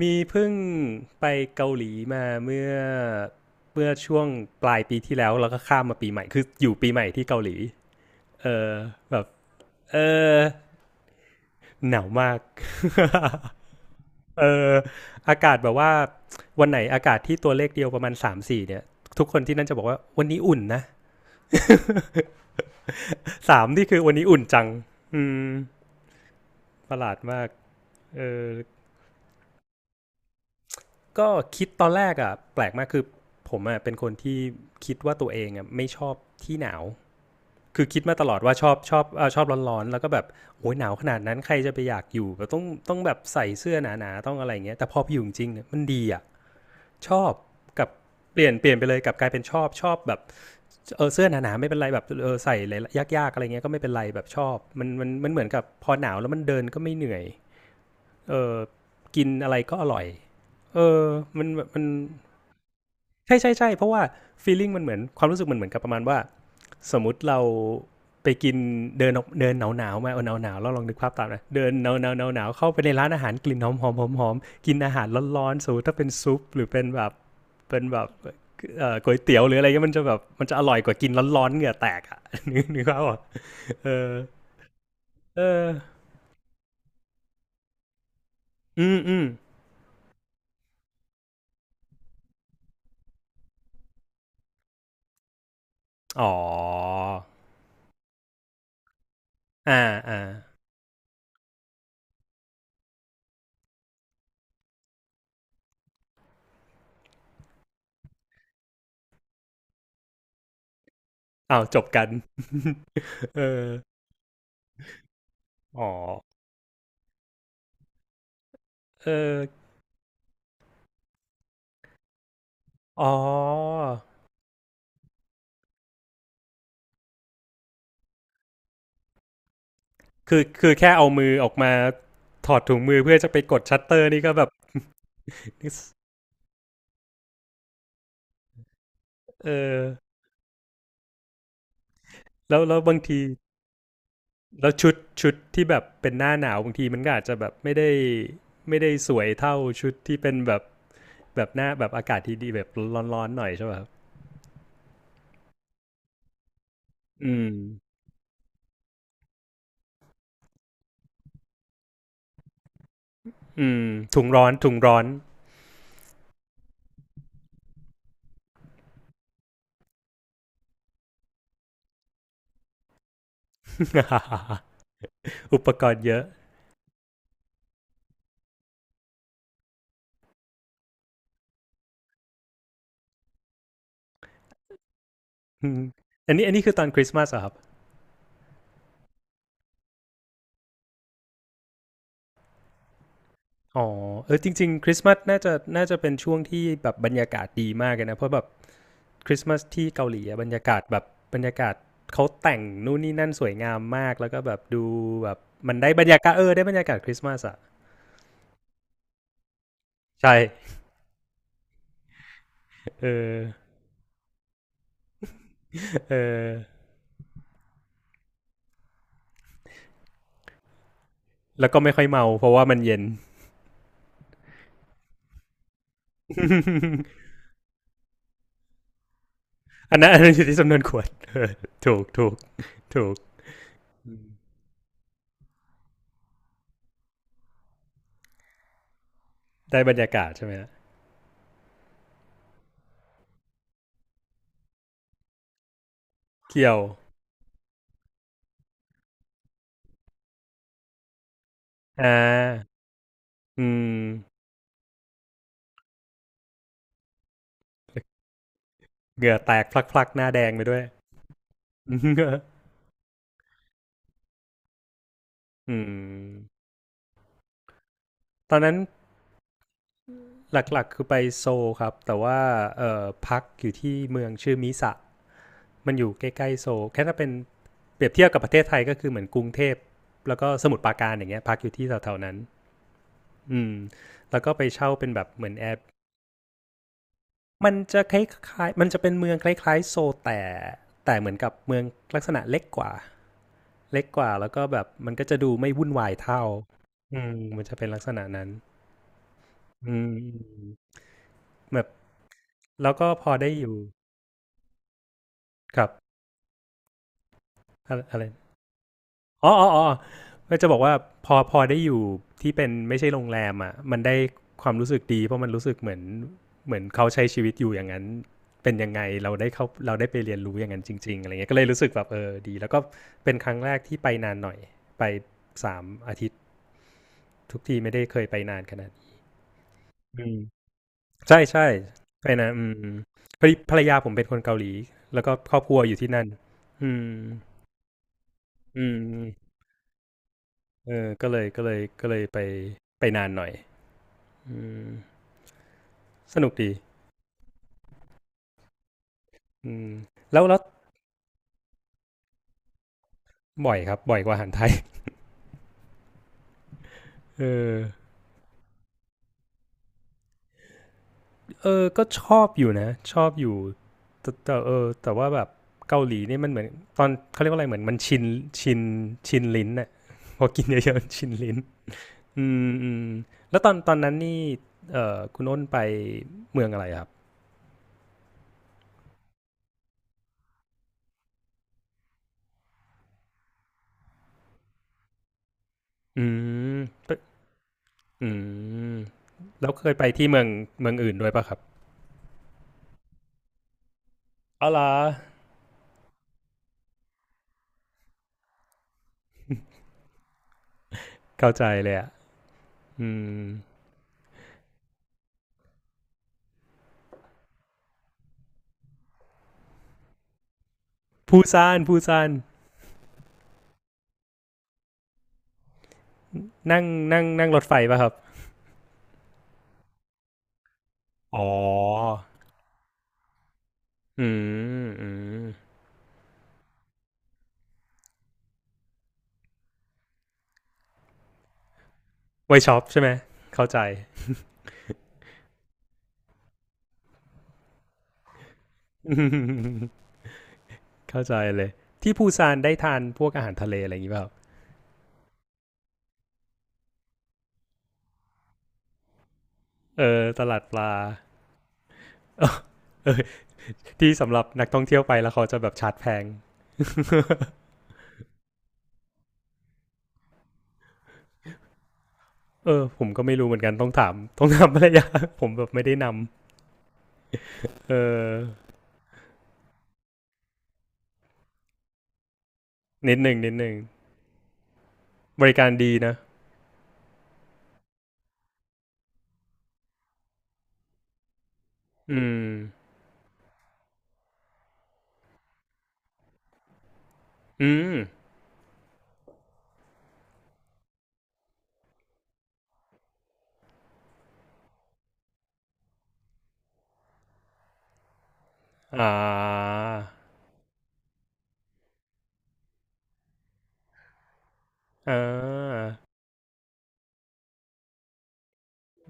มีเพิ่งไปเกาหลีมาเมื่อช่วงปลายปีที่แล้วแล้วก็ข้ามมาปีใหม่คืออยู่ปีใหม่ที่เกาหลีเออแบบเออหนาวมาก เอออากาศแบบว่าวันไหนอากาศที่ตัวเลขเดียวประมาณสามถึงสี่เนี่ยทุกคนที่นั่นจะบอกว่าวันนี้อุ่นนะสามนี่คือวันนี้อุ่นจังอืมประหลาดมากเออก็คิดตอนแรกอ่ะแปลกมากคือผมอ่ะเป็นคนที่คิดว่าตัวเองอ่ะไม่ชอบที่หนาว คือคิดมาตลอดว่าชอบชอบเออชอบร้อนๆแล้วก็แบบโอ้ยหนาวขนาดนั้นใครจะไปอยากอยู่แบบต้องแบบใส่เสื้อหนาๆต้องอะไรอย่างเงี้ยแต่พอไปอยู่จริงเนี่ยมันดีอ่ะชอบกับเปลี่ยนเปลี่ยนไปเลยกับกลายเป็นชอบชอบแบบเออเสื้อหนาๆไม่เป็นไรแบบเออใส่อะไรยากๆอะไรเงี้ยก็ไม่เป็นไรแบบชอบมันเหมือนกับพอหนาวแล้วมันเดินก็ไม่เหนื่อยเออกินอะไรก็อร่อยเออมันมัน ใช่ใช่ใช่เพราะว่า feeling มันเหมือนความรู้สึกมันเหมือนกับประมาณว่าสมมติเราไปกินเดินเดินหนาวหนาวมาเอาหนาวหนาวแล้วลองนึกภาพตามนะเดินหนาวหนาวหนาวหนาวเข้าไปในร้านอาหารกลิ่นหอมหอมหอมหอมกินอาหารร้อนๆสมมติถ้าเป็นซุปหรือเป็นแบบเป็นแบบก๋วยเตี๋ยวหรืออะไรเงี้ยมันจะแบบมันจะอร่อยกว่ากินร้อนๆเหงื่อแตกอะ นึกนึกภาพอ่ะเออเอออืมอืมอ๋ออ่าอ่าอ้าวจบกัน เอออ๋อเอออ๋อ คือคือแค่เอามือออกมาถอดถุงมือเพื่อจะไปกดชัตเตอร์นี่ก็แบบเออแล้วแล้วบางทีแล้วชุดชุดที่แบบเป็นหน้าหนาวบางทีมันก็อาจจะแบบไม่ได้ไม่ได้สวยเท่าชุดที่เป็นแบบแบบหน้าแบบอากาศที่ดีแบบร้อนๆหน่อยใช่ป่ะครับอืมอืมถุงร้อนถุงร้อน อุปกรณ์เยอะ ออันนี้อันนี้คือตอนคริสต์มาสเหรอครับอ๋อเออจริงๆคริสต์มาสน่าจะน่าจะเป็นช่วงที่แบบบรรยากาศดีมากเลยนะเพราะแบบ คริสต์มาสที่เกาหลีอะบรรยากาศแบบบรรยากาศเขาแต่งนู่นนี่นั่นสวยงามมากแล้วก็แบบดูแบบมันได้บรรยากาศเออได้บรรยากาศคริสต์มาสอะใช่เออเออแล้วก็ไม่ค่อยเมาเพราะว่ามันเย็น อันนั้นอันนั้นอยู่ที่จำนวนขวด เออถูกถูกถูกได้บรรยากาศใช่ไหมฮะเกี่ยวอ่าอืมเหงื่อแตกพลักๆหน้าแดงไปด้วย อืมตอนนั้น หลักๆคือไปโซลครับแต่ว่าพักอยู่ที่เมืองชื่อมิสะมันอยู่ใกล้ๆโซลแค่ถ้าเป็นเปรียบเทียบกับประเทศไทยก็คือเหมือนกรุงเทพแล้วก็สมุทรปราการอย่างเงี้ยพักอยู่ที่แถวๆนั้นอืมแล้วก็ไปเช่าเป็นแบบเหมือนแอร์มันจะคล้ายๆมันจะเป็นเมืองคล้ายๆโซลแต่แต่เหมือนกับเมืองลักษณะเล็กกว่าเล็กกว่าแล้วก็แบบมันก็จะดูไม่วุ่นวายเท่าอืมมันจะเป็นลักษณะนั้นอืมแบบแล้วก็พอได้อยู่กับอะอะไร อ๋ออ๋ออ๋อก็จะบอกว่าพอพอได้อยู่ที่เป็นไม่ใช่โรงแรมอ่ะมันได้ความรู้สึกดีเพราะมันรู้สึกเหมือนเหมือนเขาใช้ชีวิตอยู่อย่างนั้นเป็นยังไงเราได้เขาเราได้ไปเรียนรู้อย่างนั้นจริงๆอะไรเงี้ยก็เลยรู้สึกแบบเออดีแล้วก็เป็นครั้งแรกที่ไปนานหน่อยไปสามอาทิตย์ทุกทีไม่ได้เคยไปนานขนาดนี้อืมใช่ใช่ไปนะอืมพอดีภรรยาผมเป็นคนเกาหลีแล้วก็ครอบครัวอยู่ที่นั่นอืมอืมเออก็เลยก็เลยไปไปนานหน่อย อืมสนุกดีอืมแล้วแล้วบ่อยครับบ่อยกว่าอาหารไทย เออเออก็ชอบอยู่นะชอบอยู่แต่แต่เออแต่ว่าแบบเกาหลีนี่มันเหมือนตอนเขาเรียกว่าอะไรเหมือนมันชินชินลิ้นน่ะ พอกินเยอะๆมันชินลิ้นอืมอืมแล้วตอนตอนนั้นนี่เออคุณอ้นไปเมืองอะไรครับอืมไปอืมแล้วเคยไปที่เมืองเมืองอื่นด้วยปะครับอ๋อเหรอเข้าใจเลยอ่ะอืมปูซานปูซาน นั่งนั่งนั่งรถไฟป่ะครับ อ๋ออืมอืมไวช็อปใช่ไหม เข้าใจ เข้าใจเลย ที่ปูซานได้ทานพวกอาหารทะเลอะไรอย่างนี้ป่ะปรับ เออ ตลาดปลา เออเออ ที่สำหรับนักท่องเที่ยวไปแล้วเขาจะแบบชาร์จแพง เออ ผมก็ไม่รู้เหมือนกันต้องถาม ต้องถามภรรยา ผมแบบไม่ได้นำ เออ นิดหนึ่งนิดหนึ่งบริการดีนะอืมอืมอ่าอ่า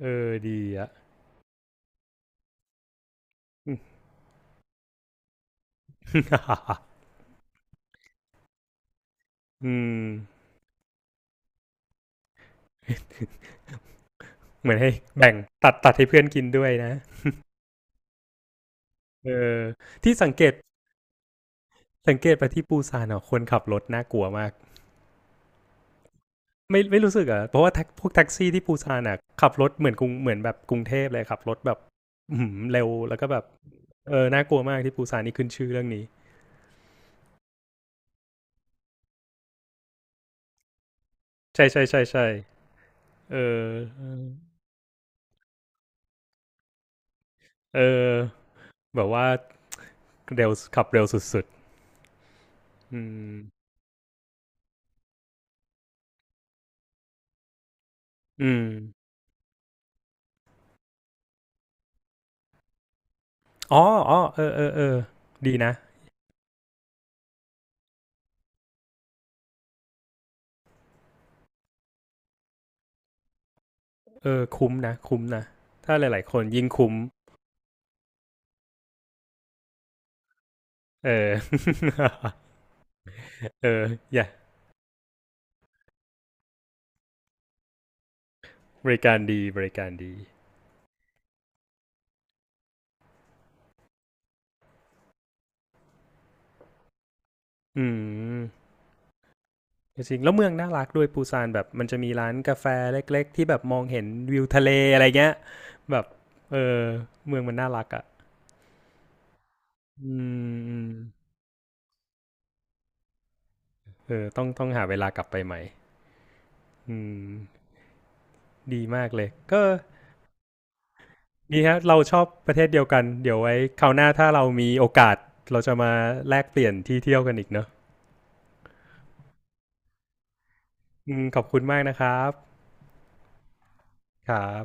เออดีอะ อืมเหมือนให้แบ่งตัดตัดให้เพื่อนกินด้วยนะเออที่สังเกตสังเกตไปที่ปูซานอ่ะคนขับรถน่ากลัวมากไม่ไม่รู้สึกเหรอ่ะเพราะว่าพวกแท็กซี่ที่ปูซานอ่ะขับรถเหมือนกรุงเหมือนแบบกรุงเทพเลยขับรถแบบหืมเร็วแล้วก็แบบเออน่ากลัวมากที่ปูซานนี่ขึ้นชื่อเรื่องนี้ใช่ใช่เออเออแบบว่าเร็วขับเร็วสุดๆอืมอืมอ๋ออ๋อเออเออเออดีนะ เออคุ้มนะคุ้มนะถ้าหลายๆคนยิ่งคุ้มเออ เอออย่าบริการดีบริการดีอืมจริงๆแล้วเมืองน่ารักด้วยปูซานแบบมันจะมีร้านกาแฟเล็กๆที่แบบมองเห็นวิวทะเลอะไรเงี้ยแบบเออเมืองมันน่ารักอะ่ะอืมเออต้องหาเวลากลับไปใหม่อืมดีมากเลยก็ดีฮะเราชอบประเทศเดียวกันเดี๋ยวไว้คราวหน้าถ้าเรามีโอกาสเราจะมาแลกเปลี่ยนที่เที่ยวกันอีกเนอะ อืมขอบคุณมากนะครับครับ